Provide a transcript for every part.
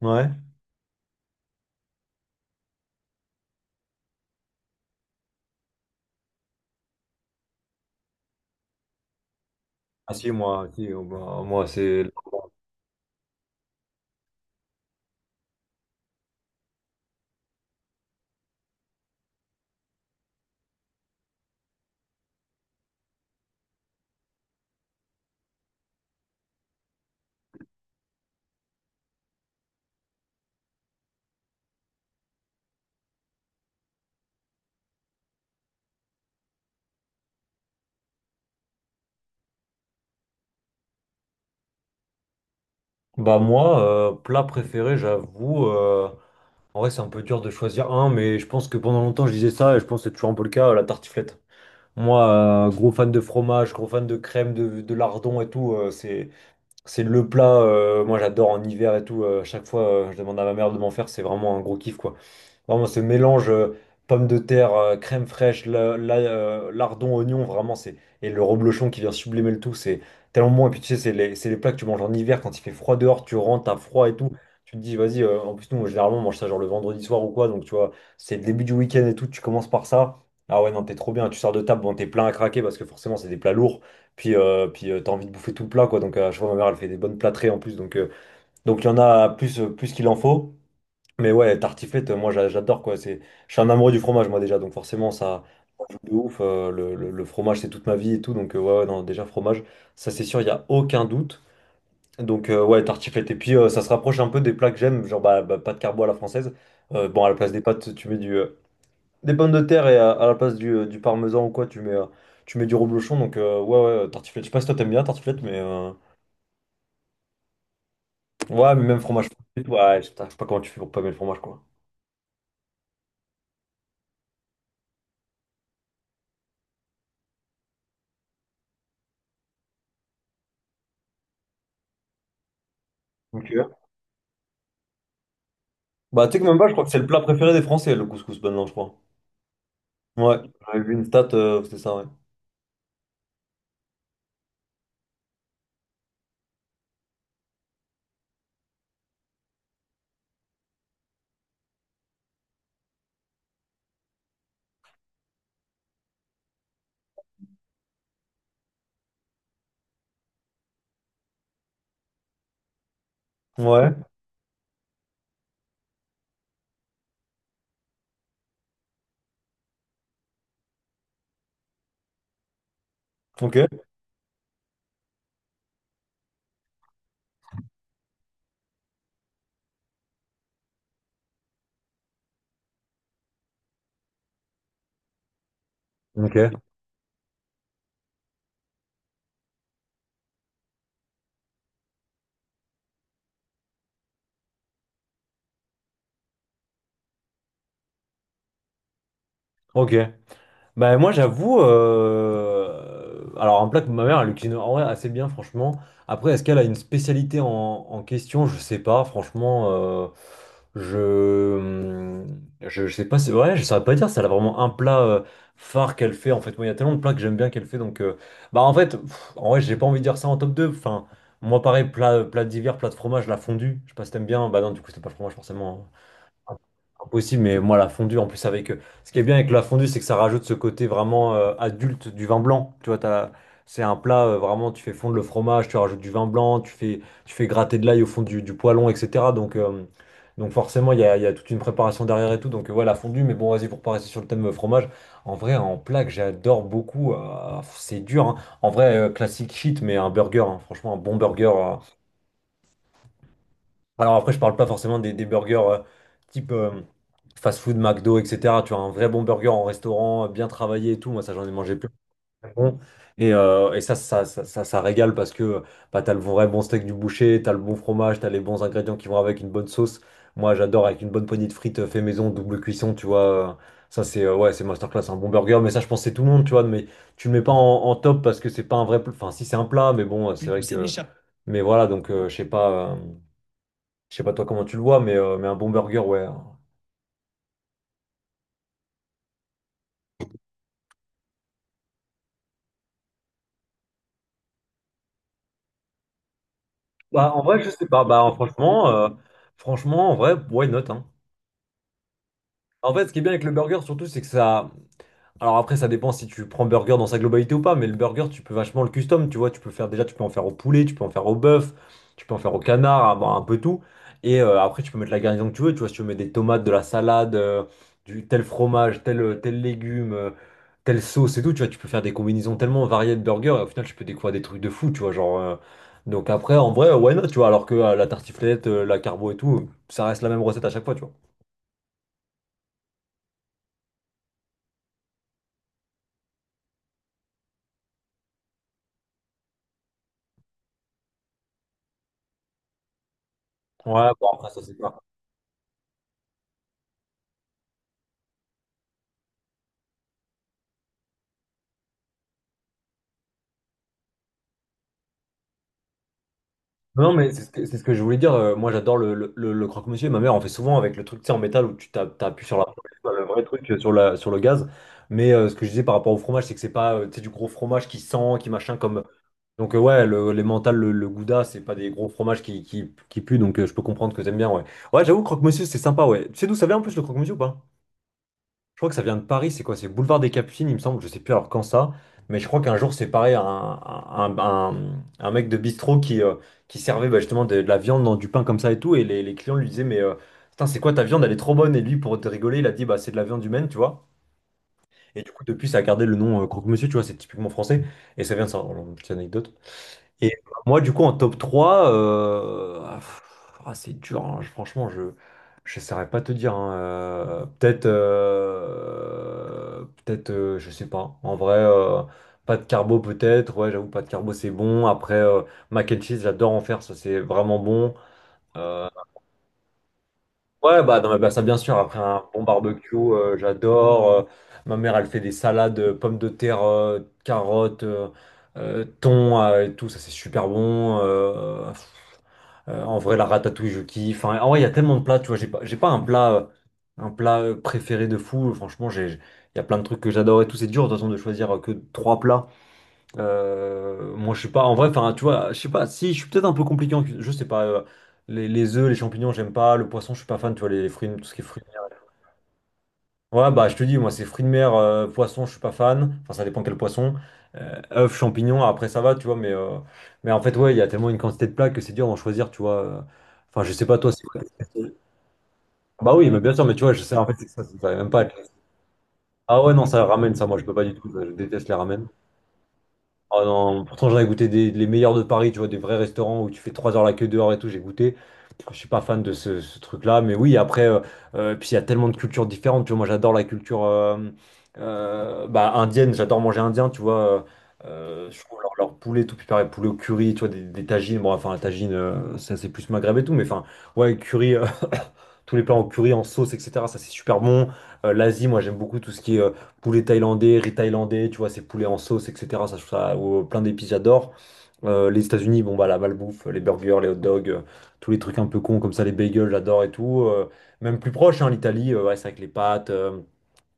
Ouais. Ah si, moi, si, moi, c'est... Bah moi, plat préféré, en vrai c'est un peu dur de choisir un, mais je pense que pendant longtemps je disais ça, et je pense que c'est toujours un peu le cas, la tartiflette. Moi, gros fan de fromage, gros fan de crème, de lardon et tout, c'est le plat, moi j'adore en hiver et tout, à chaque fois je demande à ma mère de m'en faire, c'est vraiment un gros kiff quoi. Vraiment, ce mélange pommes de terre, crème fraîche, lardon, oignon, vraiment, c'est. Et le reblochon qui vient sublimer le tout, c'est tellement bon. Et puis tu sais, c'est les plats que tu manges en hiver quand il fait froid dehors, tu rentres, t'as froid et tout. Tu te dis, vas-y, en plus, nous, généralement, on mange ça genre le vendredi soir ou quoi. Donc tu vois, c'est le début du week-end et tout, tu commences par ça. Ah ouais, non, t'es trop bien. Tu sors de table, bon, t'es plein à craquer parce que forcément, c'est des plats lourds. Puis t'as envie de bouffer tout le plat, quoi. Donc à chaque fois, ma mère, elle fait des bonnes plâtrées en plus. Donc il y en a plus, plus qu'il en faut. Mais ouais, tartiflette, moi j'adore quoi. C'est, je suis un amoureux du fromage moi déjà, donc forcément ça, de ouf. Le fromage c'est toute ma vie et tout, ouais, ouais, non, déjà fromage, ça c'est sûr, il y a aucun doute. Ouais, tartiflette. Et puis ça se rapproche un peu des plats que j'aime, genre pâte carbo à la française. Bon, à la place des pâtes, des pommes de terre et à la place du parmesan ou quoi, tu mets du reblochon. Ouais, ouais, tartiflette. Je sais pas si toi t'aimes bien tartiflette, ouais, mais même fromage. Frit, ouais, je sais pas comment tu fais pour pas aimer le fromage quoi. Ok. Bah, tu sais que même pas, je crois que c'est le plat préféré des Français, le couscous, maintenant, je crois. Ouais, j'avais vu une stat, c'était ça, ouais. Ouais, ok. Ok. Ok. Bah moi j'avoue, alors un plat que ma mère elle cuisine en vrai assez bien franchement. Après est-ce qu'elle a une spécialité en question? Je sais pas franchement. Je, hmm, Je sais pas c'est vrai, je saurais pas dire si elle a vraiment un plat phare qu'elle fait en fait. Moi il y a tellement de plats que j'aime bien qu'elle fait donc en vrai j'ai pas envie de dire ça en top 2. Enfin moi pareil plat d'hiver, plat de fromage, la fondue. Je sais pas si t'aimes bien. Bah non du coup c'était pas le fromage forcément, hein. Impossible, mais moi la fondue en plus avec ce qui est bien avec la fondue, c'est que ça rajoute ce côté vraiment adulte du vin blanc. Tu vois, t'as- c'est un plat vraiment, tu fais fondre le fromage, tu rajoutes du vin blanc, tu fais gratter de l'ail au fond du poêlon, etc. Donc forcément, il y a toute une préparation derrière et tout. Donc voilà, fondue, mais bon, vas-y, pour pas rester sur le thème fromage, en vrai, en plat que j'adore beaucoup, c'est dur, hein. En vrai, classique shit, mais un burger, hein. Franchement, un bon burger. Alors après, je parle pas forcément des burgers type fast-food, McDo, etc. Tu vois, un vrai bon burger en restaurant, bien travaillé et tout. Moi, ça, j'en ai mangé plein. C'est bon. Et ça régale parce que bah, t'as le vrai bon steak du boucher, t'as le bon fromage, t'as les bons ingrédients qui vont avec une bonne sauce. Moi, j'adore avec une bonne poignée de frites fait maison, double cuisson, tu vois. Ça, c'est ouais, c'est masterclass, un bon burger. Mais ça, je pense que c'est tout le monde, tu vois. Mais tu le mets pas en top parce que c'est pas un vrai plat. Enfin, si, c'est un plat, mais bon, c'est vrai. C'est que méchant. Mais voilà, je sais pas. Je sais pas toi comment tu le vois, mais un bon burger, ouais. Bah, mm, en vrai, je sais pas. Franchement, en vrai, why not, hein. En fait, ce qui est bien avec le burger, surtout, c'est que ça. Alors après, ça dépend si tu prends burger dans sa globalité ou pas, mais le burger, tu peux vachement le custom, tu vois, tu peux faire déjà, tu peux en faire au poulet, tu peux en faire au bœuf, tu peux en faire au canard, à- un peu tout. Et après, tu peux mettre la garnison que tu veux, tu vois, si tu veux mettre des tomates, de la salade, du tel fromage, tel légume, telle sauce et tout, tu vois, tu peux faire des combinaisons tellement variées de burgers, et au final, tu peux découvrir des trucs de fou, tu vois, genre... donc après, en vrai, why not, tu vois, alors que la tartiflette, la carbo et tout, ça reste la même recette à chaque fois, tu vois. Ouais, bon, après, ça c'est pas. Non, mais c'est ce que je voulais dire. Moi, j'adore le croque-monsieur. Ma mère en fait souvent avec le truc, tu sais, en métal où tu tapes, t'appuies sur la, le vrai truc sur la, sur le gaz. Mais ce que je disais par rapport au fromage, c'est que c'est pas tu sais, du gros fromage qui sent, qui machin comme. Ouais, les mentales, le gouda, c'est pas des gros fromages qui puent. Je peux comprendre que t'aimes bien, ouais. Ouais, j'avoue, croque-monsieur, c'est sympa, ouais. Tu sais d'où ça vient en plus le croque-monsieur ou pas? Je crois que ça vient de Paris, c'est quoi? C'est Boulevard des Capucines, il me semble, je sais plus alors quand ça, mais je crois qu'un jour c'est pareil, un mec de bistrot qui servait bah, justement de la viande dans du pain comme ça et tout, et les clients lui disaient, putain, c'est quoi ta viande, elle est trop bonne, et lui, pour te rigoler, il a dit, bah c'est de la viande humaine, tu vois. Et du coup, depuis, ça a gardé le nom Croque-Monsieur, tu vois, c'est typiquement français, et ça vient de ça. Alors, petite anecdote. Et moi, du coup, en top 3 c'est dur, hein. Je- Franchement, je ne saurais pas te dire, hein. Peut-être, je sais pas. En vrai, pas de carbo peut-être. Ouais, j'avoue, pas de carbo, c'est bon. Après, mac and cheese, j'adore en faire, ça c'est vraiment bon. Euh, ouais, bah, non, mais, bah, ça bien sûr. Après un bon barbecue, j'adore. Ma mère, elle fait des salades, pommes de terre, carottes. Thon et tout, ça c'est super bon. En vrai, la ratatouille, je kiffe. Enfin, en vrai, il y a tellement de plats, tu vois. J'ai pas un plat, un plat préféré de fou. Franchement, il y a plein de trucs que j'adore et tout. C'est dur, de toute façon, de choisir que trois plats. Moi, je suis pas, en vrai, enfin, tu vois, je sais pas. Si, je suis peut-être un peu compliqué en cuisine. Je sais pas. Les œufs, les champignons, j'aime pas. Le poisson, je suis pas fan. Tu vois, les, fruits, tout ce qui est fruits. Ouais, bah je te dis, moi c'est fruits de mer, poisson, je suis pas fan. Enfin, ça dépend quel poisson. Œufs, champignons, après ça va, tu vois. Mais en fait, ouais, il y a tellement une quantité de plats que c'est dur d'en choisir, tu vois. Enfin, je sais pas, toi, c'est quoi tes- Bah oui, mais bien sûr, mais tu vois, je sais, en fait, c'est que ça va même pas être- Ah ouais, non, ça ramène, ça, moi, je peux pas du tout. Je déteste les ramen. Oh non, pourtant j'en ai goûté des, les meilleurs de Paris, tu vois, des vrais restaurants où tu fais 3 heures la queue dehors et tout, j'ai goûté. Je suis pas fan de ce truc-là, mais oui, après, puis il y a tellement de cultures différentes, tu vois, moi j'adore la culture indienne, j'adore manger indien, tu vois, je trouve leur poulet tout préparé, poulet au curry, tu vois, des tagines, bon, enfin la tagine, ça c'est plus maghreb et tout, mais enfin, ouais, curry, tous les plats en curry, en sauce, etc. Ça, c'est super bon. L'Asie, moi, j'aime beaucoup tout ce qui est poulet thaïlandais, riz thaïlandais, tu vois, c'est poulet en sauce, etc. Ça, je trouve ça, ou, plein d'épices, j'adore. Les États-Unis, bon, bah, la malbouffe, les burgers, les hot dogs, tous les trucs un peu cons comme ça, les bagels, j'adore et tout. Même plus proche, hein, l'Italie, ouais, c'est avec les pâtes.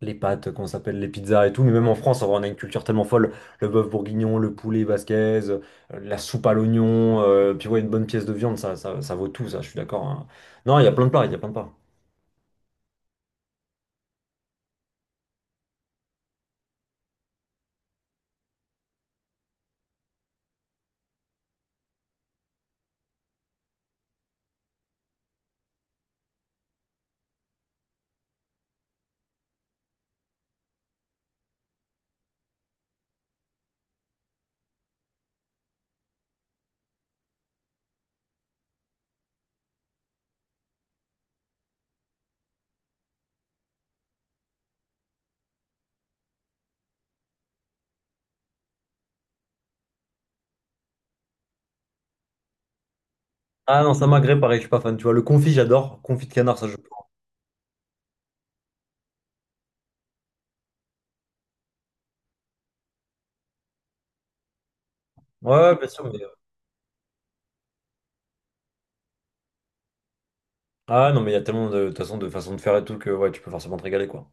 Les pâtes, comment ça s'appelle, les pizzas et tout, mais même en France, en vrai, on a une culture tellement folle. Le bœuf bourguignon, le poulet basquez, euh, la soupe à l'oignon, puis ouais, une bonne pièce de viande, ça vaut tout, ça, je suis d'accord, hein. Non, il y a plein de plats, il y a plein de plats. Ah non, ça magret, pareil, je suis pas fan. Tu vois, le confit, j'adore. Confit de canard, ça je. Ouais, ouais, bien sûr, mais- ah non, mais il y a tellement de toute façon de faire et tout que ouais, tu peux forcément te régaler, quoi.